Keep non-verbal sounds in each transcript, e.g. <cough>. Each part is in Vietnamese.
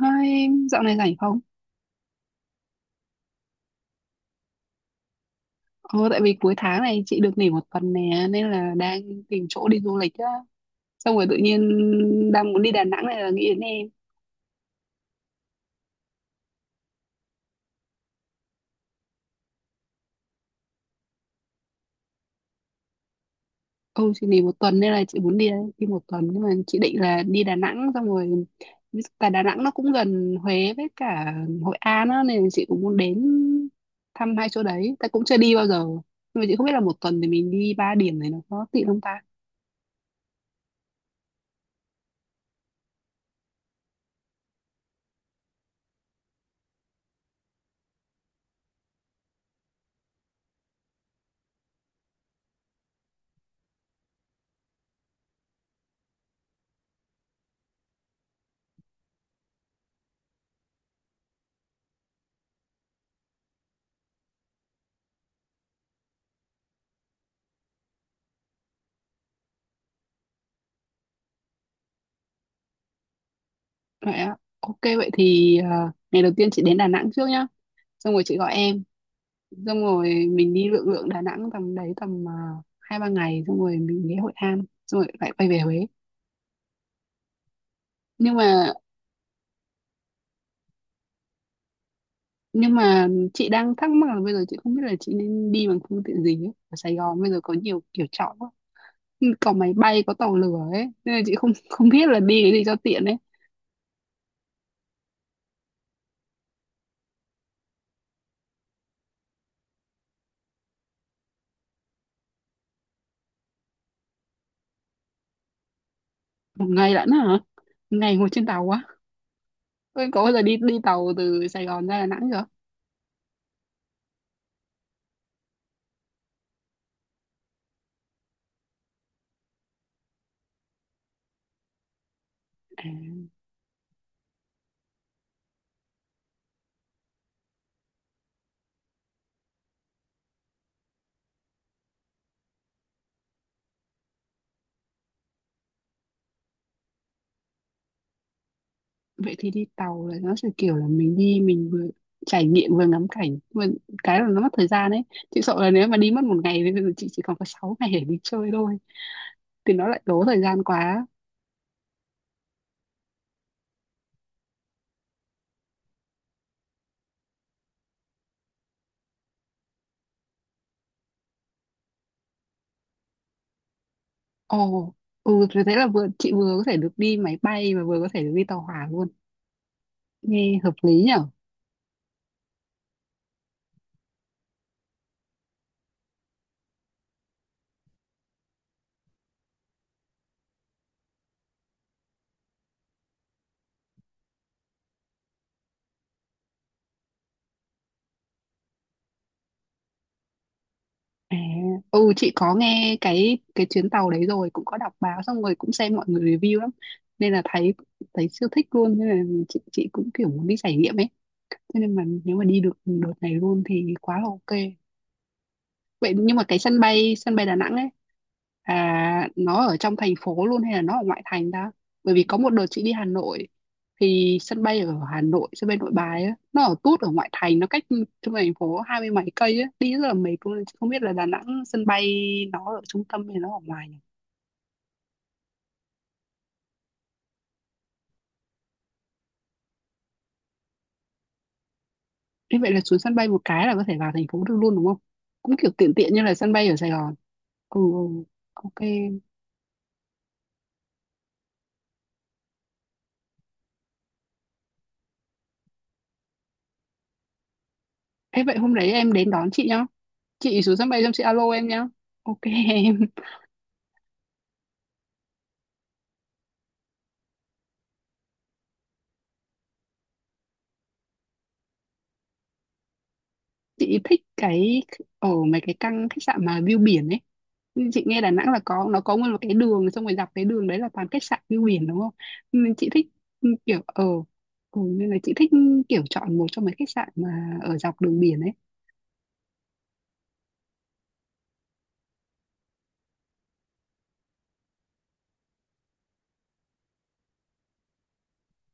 Hai dạo này rảnh không? Ờ, tại vì cuối tháng này chị được nghỉ một tuần nè nên là đang tìm chỗ đi du lịch á. Xong rồi tự nhiên đang muốn đi Đà Nẵng này là nghĩ đến em. Ừ, chị nghỉ một tuần nên là chị muốn đi đi một tuần nhưng mà chị định là đi Đà Nẵng xong rồi tại Đà Nẵng nó cũng gần Huế với cả Hội An á nên là chị cũng muốn đến thăm hai chỗ đấy. Ta cũng chưa đi bao giờ. Nhưng mà chị không biết là một tuần thì mình đi ba điểm này nó có tiện không ta? Vậy á. Ok vậy thì ngày đầu tiên chị đến Đà Nẵng trước nhá. Xong rồi chị gọi em xong rồi mình đi lượn lượn Đà Nẵng tầm đấy hai ba ngày xong rồi mình ghé Hội An xong rồi lại quay về Huế nhưng mà nhưng mà chị đang thắc mắc là bây giờ chị không biết là chị nên đi bằng phương tiện gì ấy. Ở Sài Gòn bây giờ có nhiều kiểu chọn quá, có máy bay có tàu lửa ấy nên là chị không không biết là đi cái gì cho tiện ấy. Một ngày lận hả? Một ngày ngồi trên tàu quá. Ôi, có bao giờ đi đi tàu từ Sài Gòn ra Đà Nẵng chưa? À, vậy thì đi tàu là nó sẽ kiểu là mình đi mình vừa trải nghiệm vừa ngắm cảnh mà cái là nó mất thời gian đấy. Chị sợ là nếu mà đi mất một ngày thì bây giờ chị chỉ còn có 6 ngày để đi chơi thôi thì nó lại tốn thời gian quá. Ồ, ừ thế thế là vừa chị vừa có thể được đi máy bay và vừa có thể được đi tàu hỏa luôn, nghe hợp lý nhở. à, ừ chị có nghe cái chuyến tàu đấy rồi, cũng có đọc báo xong rồi cũng xem mọi người review lắm nên là thấy thấy siêu thích luôn nên là chị cũng kiểu muốn đi trải nghiệm ấy. Thế nên mà nếu mà đi được đợt này luôn thì quá là ok. Vậy nhưng mà cái sân bay Đà Nẵng ấy, nó ở trong thành phố luôn hay là nó ở ngoại thành ta? Bởi vì có một đợt chị đi Hà Nội thì sân bay ở Hà Nội, sân bay Nội Bài ấy, nó ở tút ở ngoại thành, nó cách trung thành phố 20 mấy cây ấy, đi rất là mệt luôn. Chị không biết là Đà Nẵng sân bay nó ở trung tâm hay nó ở ngoài nhỉ? Thế vậy là xuống sân bay một cái là có thể vào thành phố được luôn đúng không? Cũng kiểu tiện tiện như là sân bay ở Sài Gòn. Ừ, ừ, ok. Thế vậy hôm đấy em đến đón chị nhá. Chị xuống sân bay xong chị alo em nhá. Ok em. Chị thích cái ở mấy cái căn khách sạn mà view biển ấy. Nhưng chị nghe Đà Nẵng là có, nó có nguyên một cái đường xong rồi dọc cái đường đấy là toàn khách sạn view biển đúng không, nên chị thích kiểu ở, ừ, nên là chị thích kiểu chọn một trong mấy khách sạn mà ở dọc đường biển ấy.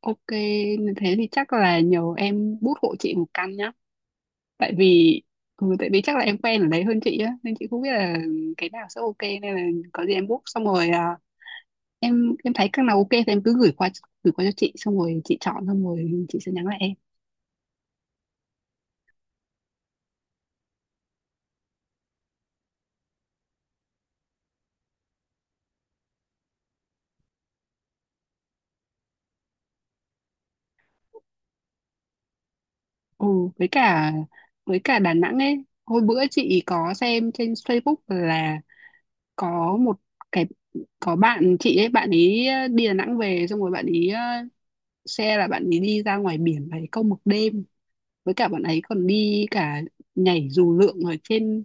Ok, nên thế thì chắc là nhờ em bút hộ chị một căn nhá, tại vì ừ, tại vì chắc là em quen ở đấy hơn chị á nên chị không biết là cái nào sẽ ok nên là có gì em book xong rồi em thấy các nào ok thì em cứ gửi qua cho chị xong rồi chị chọn xong rồi chị sẽ nhắn lại em. Ừ, với cả với cả Đà Nẵng ấy, hồi bữa chị có xem trên Facebook là có một cái, có bạn chị ấy, bạn ấy đi Đà Nẵng về xong rồi bạn ấy xe là bạn ấy đi ra ngoài biển và câu mực đêm, với cả bạn ấy còn đi cả nhảy dù lượn ở trên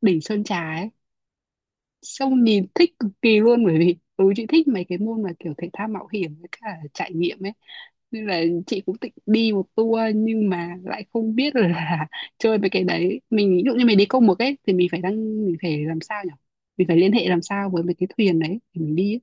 đỉnh Sơn Trà ấy. Xong nhìn thích cực kỳ luôn bởi vì ừ chị thích mấy cái môn mà kiểu thể thao mạo hiểm với cả trải nghiệm ấy, nên là chị cũng định đi một tour nhưng mà lại không biết là <laughs> chơi mấy cái đấy, mình ví dụ như mình đi câu mực ấy thì mình phải làm sao nhỉ, mình phải liên hệ làm sao với mấy cái thuyền đấy thì mình đi ấy.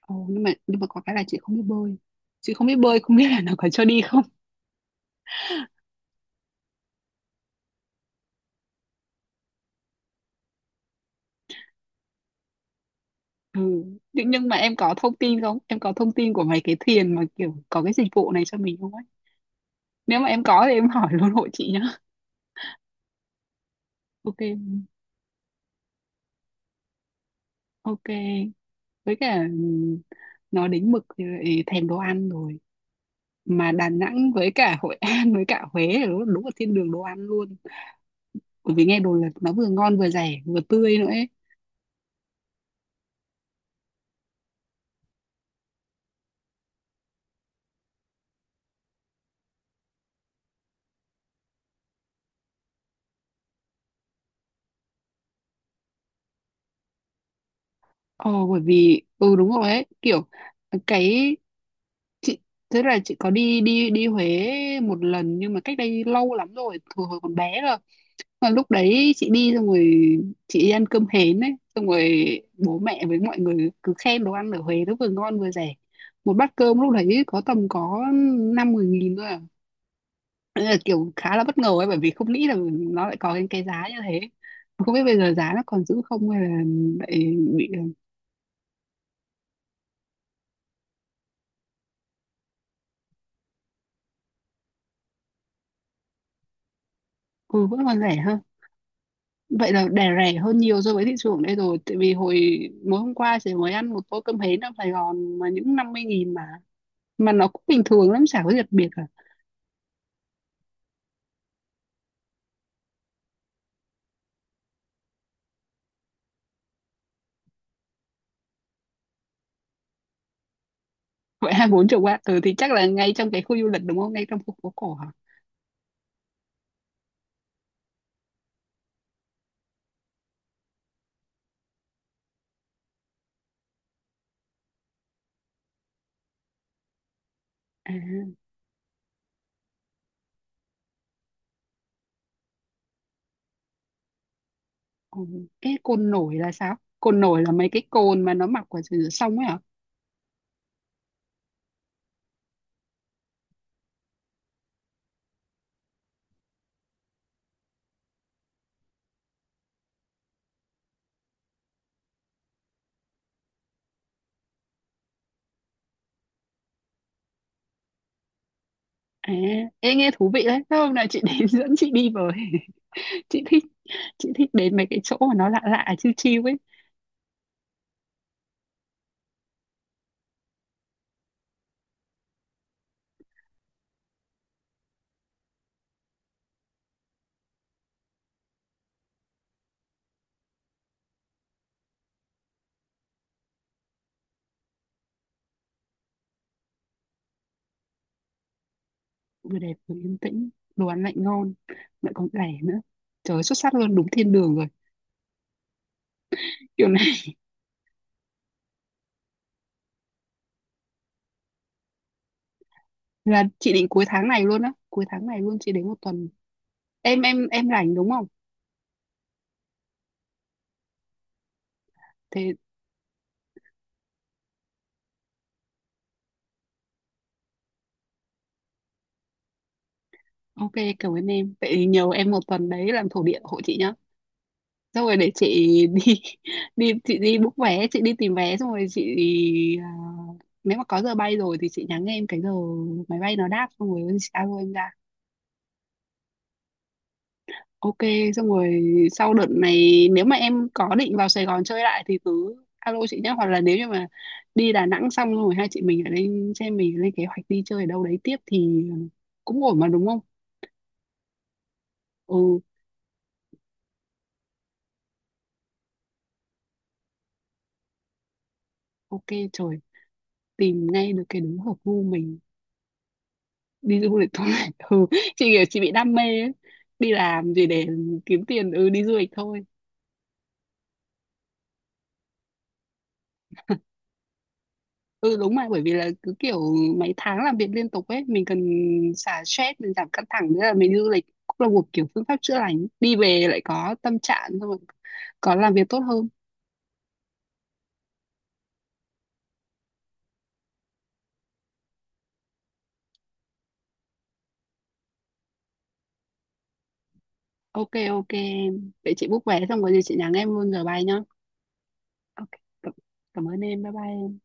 Ồ, nhưng mà có cái là chị không biết bơi, chị không biết bơi không biết là nó có cho đi không. Ừ. nhưng mà em có thông tin không, em có thông tin của mấy cái thuyền mà kiểu có cái dịch vụ này cho mình không ấy, nếu mà em có thì em hỏi luôn hộ chị. Ok, ok. Với cả nói đến mực thì lại thèm đồ ăn rồi, mà Đà Nẵng với cả Hội An <laughs> với cả Huế là đúng, đúng là thiên đường đồ ăn luôn, bởi vì nghe đồn là nó vừa ngon vừa rẻ vừa tươi nữa ấy. Ồ, bởi vì ừ đúng rồi ấy, kiểu cái chị tức là chị có đi đi đi Huế một lần nhưng mà cách đây lâu lắm rồi, hồi hồi còn bé cơ. Mà lúc đấy chị đi xong rồi chị đi ăn cơm hến ấy, xong rồi bố mẹ với mọi người cứ khen đồ ăn ở Huế nó vừa ngon vừa rẻ, một bát cơm lúc đấy có tầm năm mười nghìn thôi à. Đấy là kiểu khá là bất ngờ ấy bởi vì không nghĩ là nó lại có cái giá như thế. Không biết bây giờ giá nó còn giữ không hay là lại bị, ừ, vẫn còn rẻ hơn. Vậy là đẻ rẻ hơn nhiều so với thị trường đây rồi, tại vì hồi mới hôm qua chị mới ăn một tô cơm hến ở Sài Gòn mà những 50.000 mà nó cũng bình thường lắm chả có gì đặc biệt. Vậy hai bốn chục á, ừ thì chắc là ngay trong cái khu du lịch đúng không, ngay trong khu phố cổ hả? À, ừ. Cái côn nổi là sao, côn nổi là mấy cái cồn mà nó mọc ở dưới sông ấy hả? À, ê, nghe thú vị đấy. Thế hôm nào chị đến <laughs> dẫn chị đi với. <laughs> chị thích chị thích đến mấy cái chỗ mà nó lạ lạ chiêu chiêu ấy. Vừa đẹp vừa yên tĩnh, đồ ăn lại ngon, lại còn rẻ nữa, trời ơi, xuất sắc luôn, đúng thiên đường rồi kiểu này. <laughs> Là chị định cuối tháng này luôn á, cuối tháng này luôn chị đến một tuần. Em rảnh đúng không? Thế. Ok, cảm ơn em. Vậy thì nhờ em một tuần đấy làm thổ địa hộ chị nhá. Xong rồi để chị đi <laughs> đi chị đi book vé, chị đi tìm vé xong rồi chị à, nếu mà có giờ bay rồi thì chị nhắn em cái giờ máy bay nó đáp xong rồi chị alo em ra. Ok, xong rồi sau đợt này nếu mà em có định vào Sài Gòn chơi lại thì cứ alo chị nhé, hoặc là nếu như mà đi Đà Nẵng xong rồi hai chị mình lại lên xem, mình lên kế hoạch đi chơi ở đâu đấy tiếp thì cũng ổn mà đúng không? Ừ, ok. Trời, tìm ngay được cái đúng hợp gu mình đi du lịch thôi. <laughs> Ừ, chị kiểu chị bị đam mê ấy. Đi làm gì để kiếm tiền, ừ đi du lịch thôi. Ừ đúng mà, bởi vì là cứ kiểu mấy tháng làm việc liên tục ấy mình cần xả stress, mình giảm căng thẳng nữa, là mình đi du lịch cũng là một kiểu phương pháp chữa lành, đi về lại có tâm trạng xong rồi có làm việc tốt hơn. Ok, ok em. Vậy chị book vé xong rồi gì chị nhắn em luôn giờ bay nhá. Ok, cảm cảm ơn em, bye bye em.